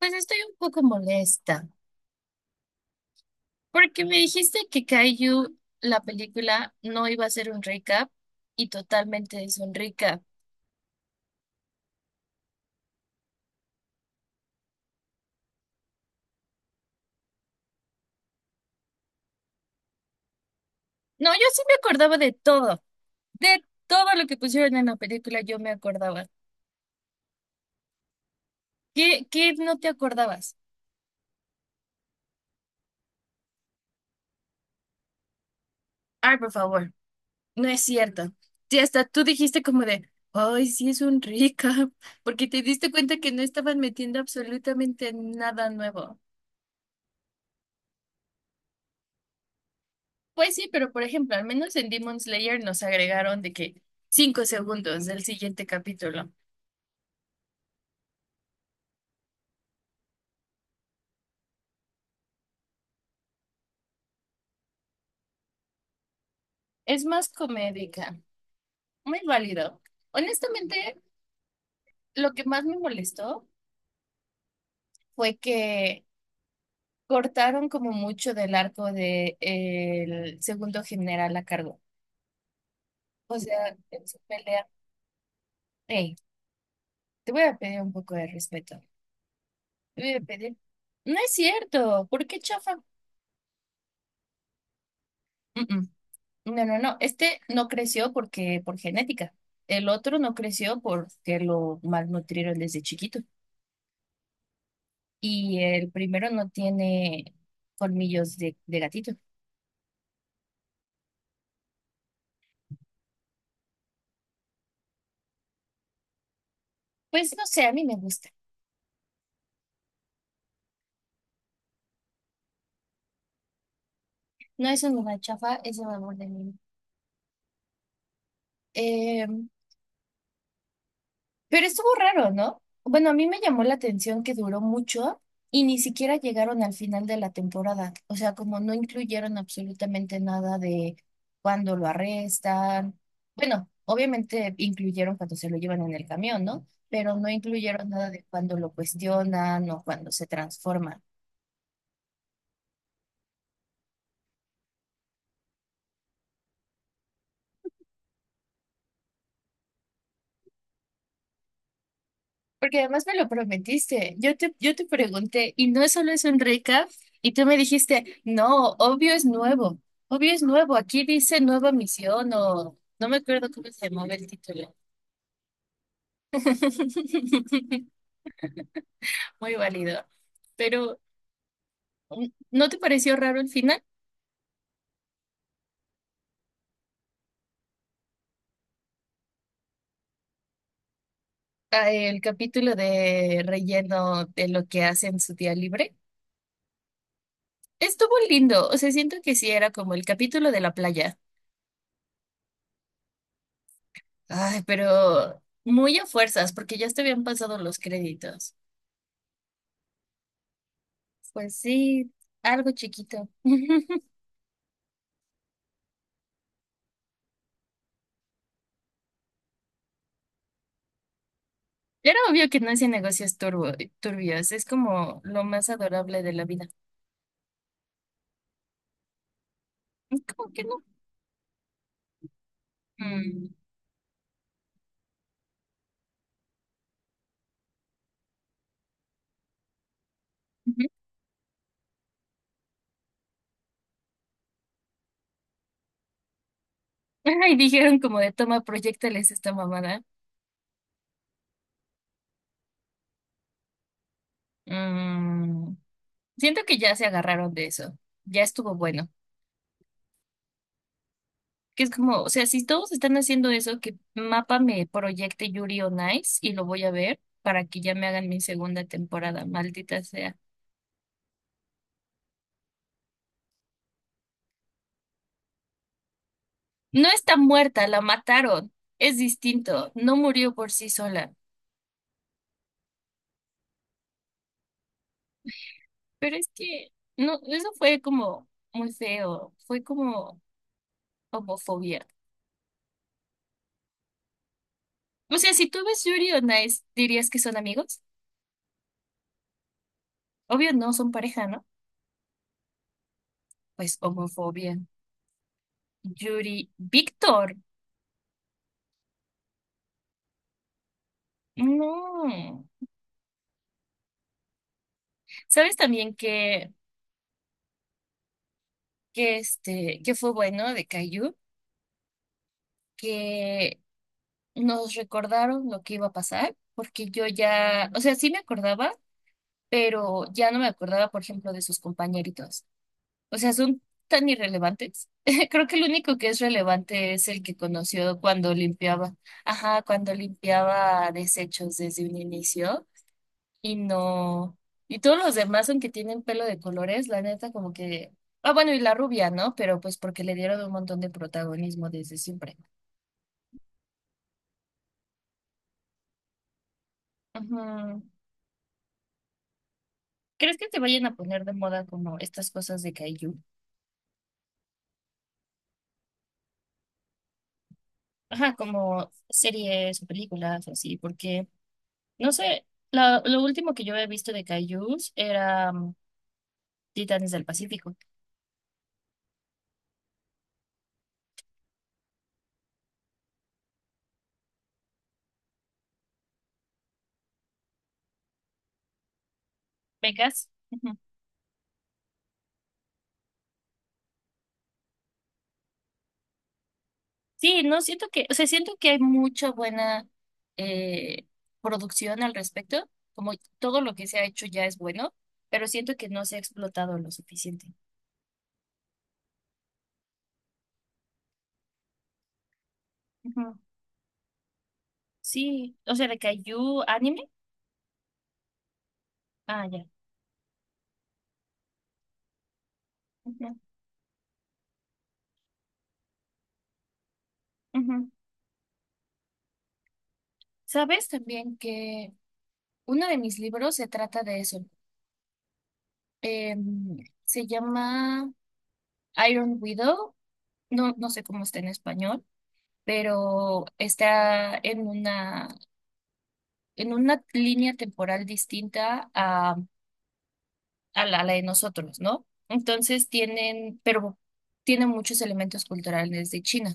Pues estoy un poco molesta, porque me dijiste que Kaiju, la película, no iba a ser un recap y totalmente es un recap. No, yo sí me acordaba de todo lo que pusieron en la película, yo me acordaba. ¿Qué no te acordabas? Ay, por favor, no es cierto. Sí, hasta tú dijiste como de, ay, sí es un recap, porque te diste cuenta que no estaban metiendo absolutamente nada nuevo. Pues sí, pero por ejemplo, al menos en Demon Slayer nos agregaron de que 5 segundos del siguiente capítulo. Es más comédica, muy válido. Honestamente, lo que más me molestó fue que cortaron como mucho del arco de el segundo general a cargo. O sea, en su pelea, hey, te voy a pedir un poco de respeto. Te voy a pedir. No es cierto, ¿por qué chafa? No, no, no. Este no creció porque por genética. El otro no creció porque lo malnutrieron desde chiquito. Y el primero no tiene colmillos de gatito. Pues no sé, a mí me gusta. No es una chafa, es el amor de mí. Em, Pero estuvo raro, ¿no? Bueno, a mí me llamó la atención que duró mucho y ni siquiera llegaron al final de la temporada. O sea, como no incluyeron absolutamente nada de cuando lo arrestan. Bueno, obviamente incluyeron cuando se lo llevan en el camión, ¿no? Pero no incluyeron nada de cuando lo cuestionan o cuando se transforma. Porque además me lo prometiste. Yo te pregunté, y no solo es un recap, y tú me dijiste, no, obvio es nuevo. Obvio es nuevo. Aquí dice nueva misión o no me acuerdo cómo se llamaba el título. Muy válido. Pero, mm, ¿no te pareció raro el final? Ah, el capítulo de relleno de lo que hace en su día libre. Estuvo lindo. O sea, siento que sí era como el capítulo de la playa. Ay, pero muy a fuerzas, porque ya te habían pasado los créditos. Pues sí, algo chiquito. Era obvio que no hacía negocios turbios, es como lo más adorable de la vida. ¿Cómo que no? Mm, ujú. Ay, dijeron como de toma, proyectales esta mamada. Mm, siento que ya se agarraron de eso. Ya estuvo bueno. Que es como, o sea, si todos están haciendo eso, que Mapa me proyecte Yuri on Ice y lo voy a ver para que ya me hagan mi segunda temporada, maldita sea. No está muerta, la mataron. Es distinto, no murió por sí sola. Pero es que, no, eso fue como muy feo, fue como homofobia. O sea, si tú ves Yuri on Ice, ¿dirías que son amigos? Obvio no, son pareja, ¿no? Pues homofobia. Yuri, Víctor, no. ¿Sabes también que fue bueno de Caillou, que nos recordaron lo que iba a pasar, porque yo ya, o sea, sí me acordaba, pero ya no me acordaba, por ejemplo, de sus compañeritos. O sea, son tan irrelevantes. Creo que el único que es relevante es el que conoció cuando limpiaba, ajá, cuando limpiaba desechos desde un inicio. Y no. Y todos los demás, aunque tienen pelo de colores, la neta, como que. Ah, bueno, y la rubia, ¿no? Pero pues porque le dieron un montón de protagonismo desde siempre. Ujú. ¿Crees que te vayan a poner de moda como estas cosas de kaiju? Ajá, como series o películas o así, porque, no sé, lo último que yo he visto de kaijus era mm, Titanes del Pacífico. ¿Vegas? Sí, no siento que, o sea, siento que hay mucha buena eh, producción al respecto, como todo lo que se ha hecho ya es bueno, pero siento que no se ha explotado lo suficiente. Ujú. Sí, o sea, de Kaiju anime. Ah, ya. Ujú, ujú. ¿Sabes también que uno de mis libros se trata de eso? Em, se llama Iron Widow, no, no sé cómo está en español, pero está en una línea temporal distinta a la de nosotros, ¿no? Entonces tienen, pero tienen muchos elementos culturales de China.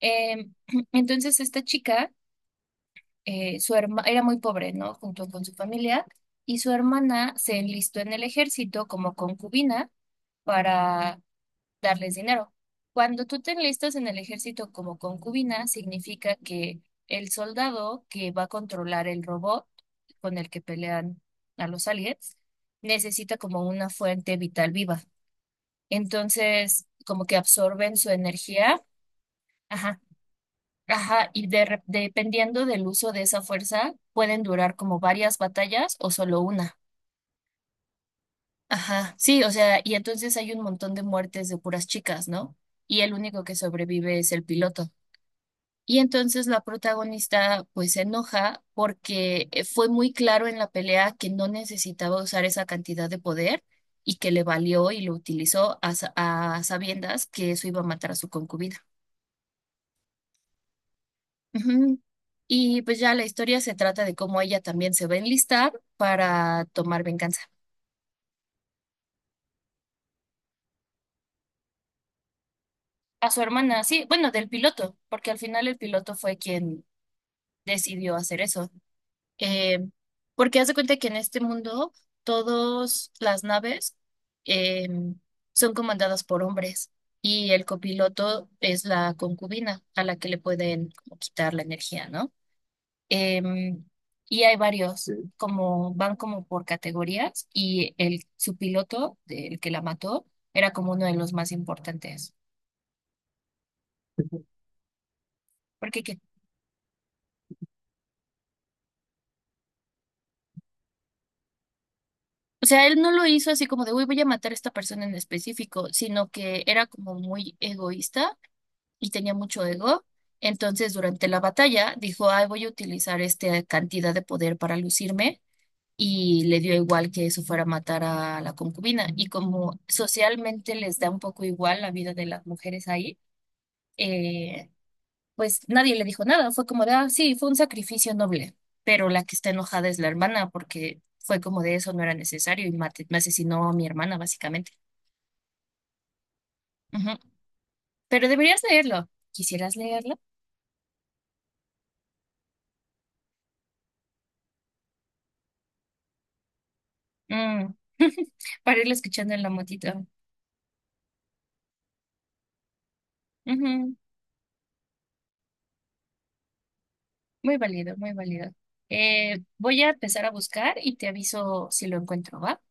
Eh, entonces esta chica, era muy pobre, ¿no? Junto con su familia, y su hermana se enlistó en el ejército como concubina para darles dinero. Cuando tú te enlistas en el ejército como concubina, significa que el soldado que va a controlar el robot con el que pelean a los aliens necesita como una fuente vital viva. Entonces, como que absorben su energía, ajá, ajá, y dependiendo del uso de esa fuerza, pueden durar como varias batallas o solo una. Ajá, sí, o sea, y entonces hay un montón de muertes de puras chicas, ¿no? Y el único que sobrevive es el piloto. Y entonces la protagonista pues se enoja porque fue muy claro en la pelea que no necesitaba usar esa cantidad de poder y que le valió y lo utilizó a sabiendas que eso iba a matar a su concubina. Ujú. Y pues ya la historia se trata de cómo ella también se va a enlistar para tomar venganza. A su hermana, sí, bueno, del piloto, porque al final el piloto fue quien decidió hacer eso. Eh, porque haz de cuenta que en este mundo todas las naves eh, son comandadas por hombres y el copiloto es la concubina a la que le pueden como quitar la energía, ¿no? Em, y hay varios, sí, como van como por categorías y el su piloto, el que la mató, era como uno de los más importantes. Porque que, o sea, él no lo hizo así como de, uy, voy a matar a esta persona en específico, sino que era como muy egoísta y tenía mucho ego. Entonces, durante la batalla, dijo, ay, voy a utilizar esta cantidad de poder para lucirme. Y le dio igual que eso fuera a matar a la concubina. Y como socialmente les da un poco igual la vida de las mujeres ahí, eh, pues nadie le dijo nada. Fue como de, ah, sí, fue un sacrificio noble. Pero la que está enojada es la hermana, porque fue como de eso no era necesario y me asesinó a mi hermana, básicamente. Ujú. Pero deberías leerlo. ¿Quisieras leerlo? Mm. Para irlo escuchando en la motito. Ujú, muy válido, muy válido. Voy a empezar a buscar y te aviso si lo encuentro, ¿va?